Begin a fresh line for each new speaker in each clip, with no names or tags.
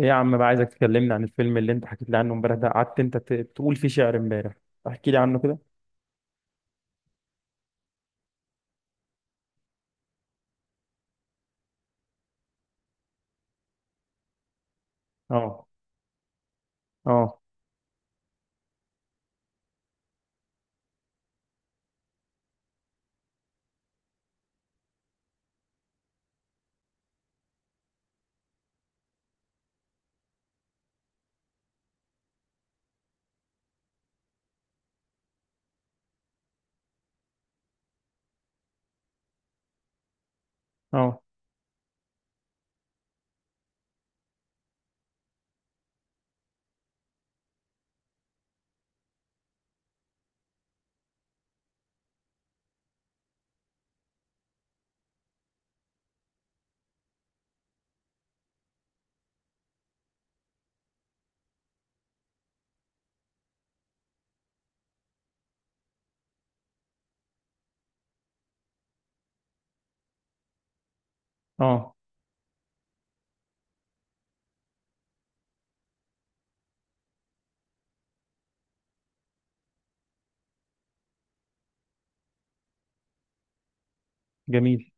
ايه يا عم بقى، عايزك تكلمني عن الفيلم اللي انت حكيت لي عنه امبارح ده. قعدت انت تقول فيه شعر امبارح. احكي لي عنه كده. اه، اه، اه، اه. جميل.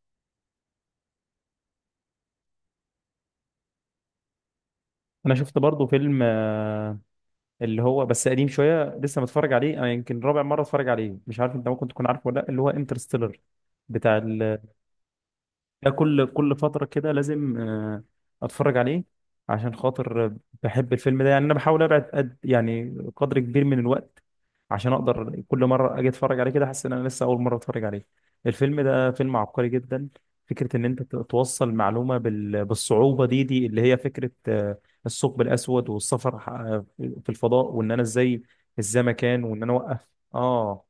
انا شفت برضو فيلم، اللي هو بس قديم شويه لسه متفرج عليه. انا يمكن رابع مره اتفرج عليه. مش عارف انت ممكن تكون عارفه ولا لا، اللي هو انترستيلر. بتاع. ده كل فترة كده لازم، اتفرج عليه عشان خاطر بحب الفيلم ده. يعني انا بحاول ابعد يعني قدر كبير من الوقت عشان اقدر كل مرة اجي اتفرج عليه كده احس ان انا لسه اول مرة اتفرج عليه. الفيلم ده فيلم عبقري جدا. فكرة ان انت توصل معلومة بالصعوبة دي اللي هي فكرة، الثقب الاسود والسفر، في الفضاء، وان انا ازاي الزمكان، وان انا اوقف. اه.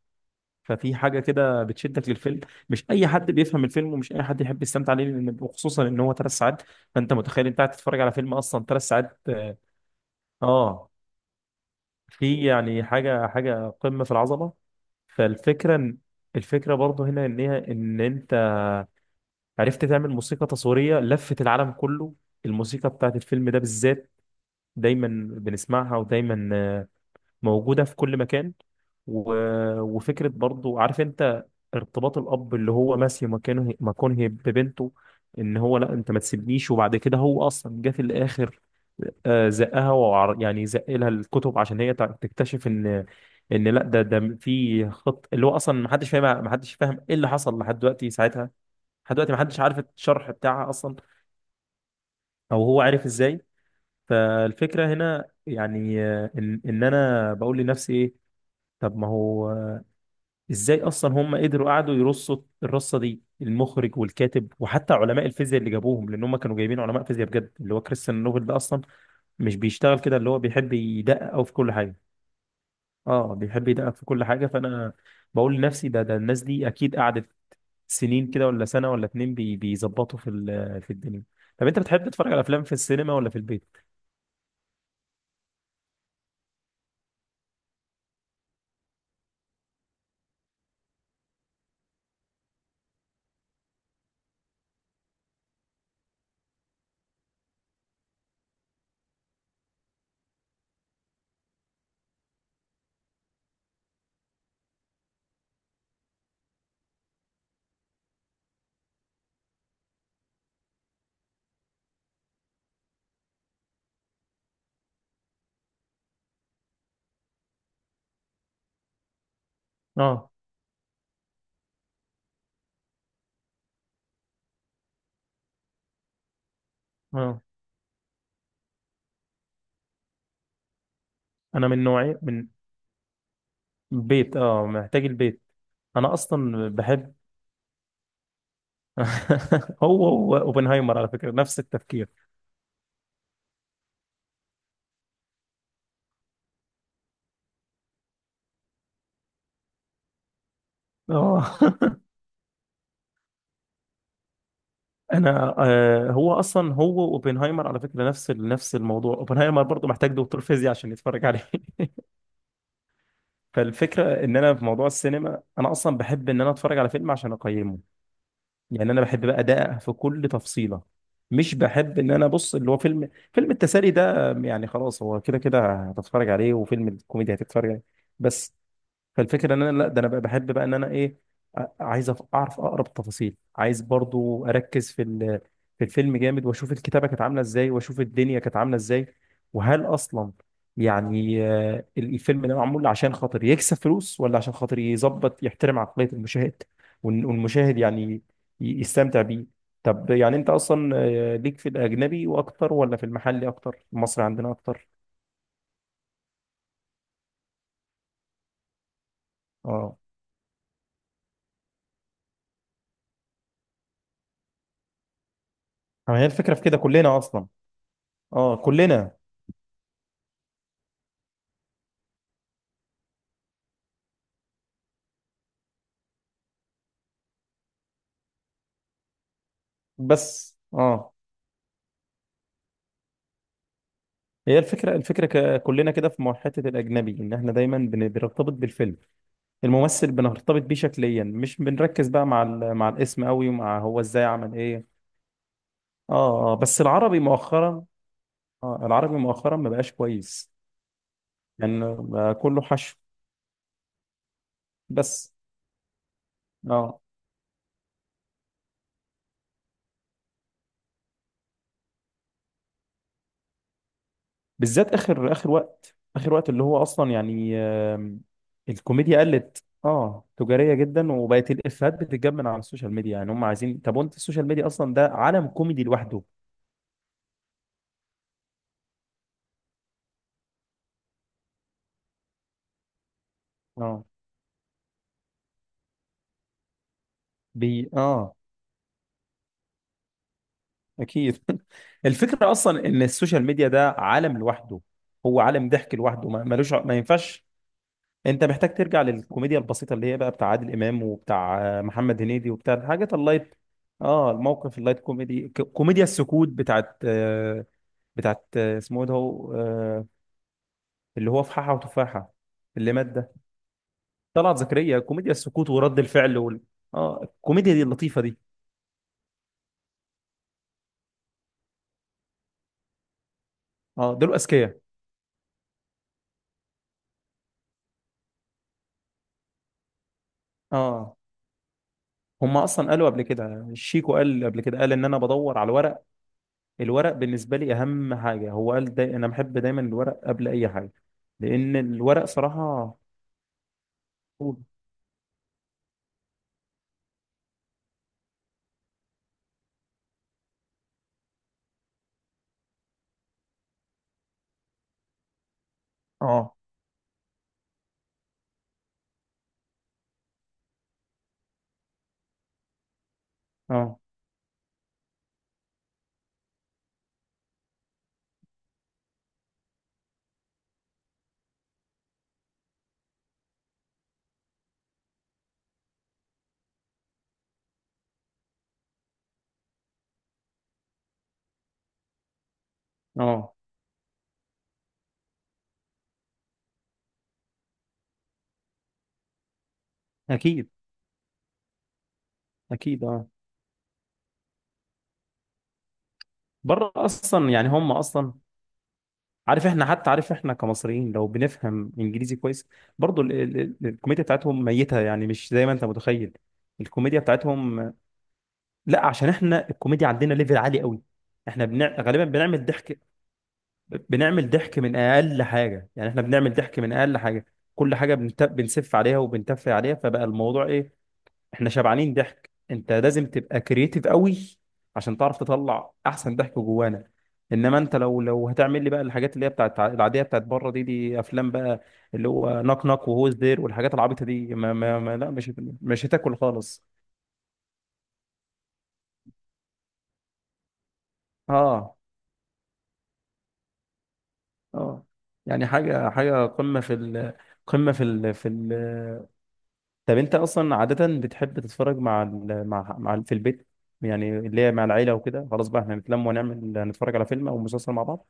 ففي حاجة كده بتشدك للفيلم. مش أي حد بيفهم الفيلم ومش أي حد يحب يستمتع عليه، لأن وخصوصا إن هو 3 ساعات. فأنت متخيل أنت قاعد تتفرج على فيلم أصلا 3 ساعات . آه، في يعني حاجة قمة في العظمة. فالفكرة إن- الفكرة برضه هنا إن هي، إن أنت عرفت تعمل موسيقى تصويرية لفت العالم كله. الموسيقى بتاعت الفيلم ده بالذات، دايما بنسمعها ودايما موجودة في كل مكان. و... وفكرة برضو، عارف انت، ارتباط الأب اللي هو ماسي مكانه ببنته. ان هو، لا انت ما تسيبنيش، وبعد كده هو اصلا جه في الاخر. زقها يعني زق لها الكتب عشان هي تكتشف ان، ان لا، ده في خط اللي هو اصلا ما حدش فاهم ايه اللي حصل لحد دلوقتي ساعتها. لحد دلوقتي ما حدش عارف الشرح بتاعها اصلا، او هو عارف ازاي. فالفكرة هنا يعني، ان انا بقول لنفسي ايه. طب ما هو، ازاي اصلا هم قدروا قعدوا يرصوا الرصه دي، المخرج والكاتب وحتى علماء الفيزياء اللي جابوهم، لان هم كانوا جايبين علماء فيزياء بجد. اللي هو كريستيان نوبل ده اصلا مش بيشتغل كده، اللي هو بيحب يدقق قوي في كل حاجه. اه. بيحب يدقق في كل حاجه، فانا بقول لنفسي ده الناس دي اكيد قعدت سنين كده، ولا سنه ولا اتنين بيظبطوا في الدنيا. طب انت بتحب تتفرج على افلام في السينما ولا في البيت؟ اه. اه. انا من نوعيه من بيت، محتاج البيت. انا اصلا بحب. هو اوبنهايمر على فكرة نفس التفكير. اه. انا هو اوبنهايمر، على فكرة نفس نفس الموضوع. اوبنهايمر برضو محتاج دكتور فيزياء عشان يتفرج عليه. فالفكرة ان انا في موضوع السينما، انا اصلا بحب ان انا اتفرج على فيلم عشان اقيمه. يعني انا بحب بقى ادقق في كل تفصيلة. مش بحب ان انا ابص اللي هو فيلم التسالي ده يعني خلاص، هو كده كده هتتفرج عليه، وفيلم الكوميديا هتتفرج عليه بس. فالفكره ان انا لا، ده انا بقى بحب بقى ان انا ايه، عايز اعرف اقرب التفاصيل. عايز برضو اركز في الفيلم جامد، واشوف الكتابه كانت عامله ازاي، واشوف الدنيا كانت عامله ازاي. وهل اصلا، يعني الفيلم ده معمول عشان خاطر يكسب فلوس، ولا عشان خاطر يظبط يحترم عقليه المشاهد والمشاهد يعني يستمتع بيه. طب يعني انت اصلا، ليك في الاجنبي واكتر، ولا في المحلي اكتر المصري عندنا اكتر؟ اه. ما هي الفكره في كده كلنا اصلا. اه، كلنا. بس هي الفكرة كلنا كده في حتة الأجنبي، إن إحنا دايما بنرتبط بالفيلم. الممثل بنرتبط بيه شكليا، مش بنركز بقى مع الاسم قوي، ومع هو إزاي عمل إيه. آه، آه، بس العربي مؤخرا. العربي مؤخرا ما بقاش كويس. يعني بقى كله حشو بس. آه بالذات اخر اخر وقت اللي هو اصلا يعني، الكوميديا قلت، تجاريه جدا، وبقت الافيهات بتتجاب من على السوشيال ميديا. يعني هم عايزين، طب وانت السوشيال ميديا اصلا ده عالم كوميدي لوحده. اه. اه، اكيد. الفكره اصلا ان السوشيال ميديا ده عالم لوحده. هو عالم ضحك لوحده ما ملوش، ما ينفعش. انت محتاج ترجع للكوميديا البسيطه اللي هي بقى بتاع عادل امام، وبتاع، محمد هنيدي، وبتاع الحاجات اللايت. اه، الموقف اللايت كوميدي، كوميديا السكوت بتاعت اسمه ايه ده، هو، اللي هو فححة وتفاحة، اللي مات ده طلعت زكريا. كوميديا السكوت ورد الفعل اه، الكوميديا دي اللطيفة دي. اه، دول اذكياء. اه، هم اصلا قالوا قبل كده، شيكو قال قبل كده، قال ان انا بدور على الورق. الورق بالنسبة لي اهم حاجة. هو قال، انا بحب دايما الورق قبل اي حاجة. لان الورق صراحة. اه، اه، اه، اكيد، اكيد، اه. بره اصلا، يعني هم اصلا، عارف احنا كمصريين لو بنفهم انجليزي كويس، برضو الكوميديا بتاعتهم ميتة، يعني مش زي ما انت متخيل. الكوميديا بتاعتهم لا، عشان احنا الكوميديا عندنا ليفل عالي قوي. احنا غالبا بنعمل ضحك. بنعمل ضحك من اقل حاجة، يعني احنا بنعمل ضحك من اقل حاجة. كل حاجة بنسف عليها وبنتف عليها، فبقى الموضوع ايه؟ احنا شبعانين ضحك، انت لازم تبقى كرييتيف قوي عشان تعرف تطلع احسن ضحك جوانا. انما انت لو هتعمل لي بقى الحاجات اللي هي بتاعت العاديه بتاعت بره دي افلام بقى اللي هو نوك نوك وهوز دير والحاجات العبيطه دي، ما لا، مش هتاكل خالص. اه. اه. يعني حاجه قمه في ال. طب انت اصلا عاده بتحب تتفرج مع ال مع مع في البيت، يعني اللي هي مع العيله وكده، خلاص بقى احنا نتلم نتفرج على فيلم او مسلسل مع بعض.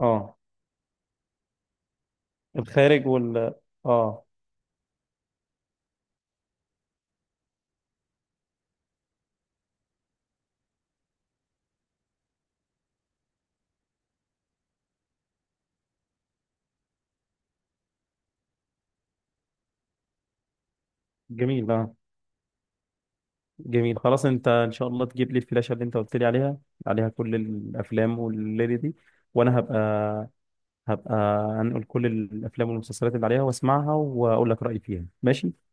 اه. الخارج وال اه، جميل. اه، جميل، خلاص. انت ان شاء الله تجيب لي الفلاشة اللي انت قلت لي عليها، عليها كل الافلام والليلة دي. وانا هبقى هبقى هنقول كل الافلام والمسلسلات اللي عليها، واسمعها واقول لك رأيي فيها، ماشي.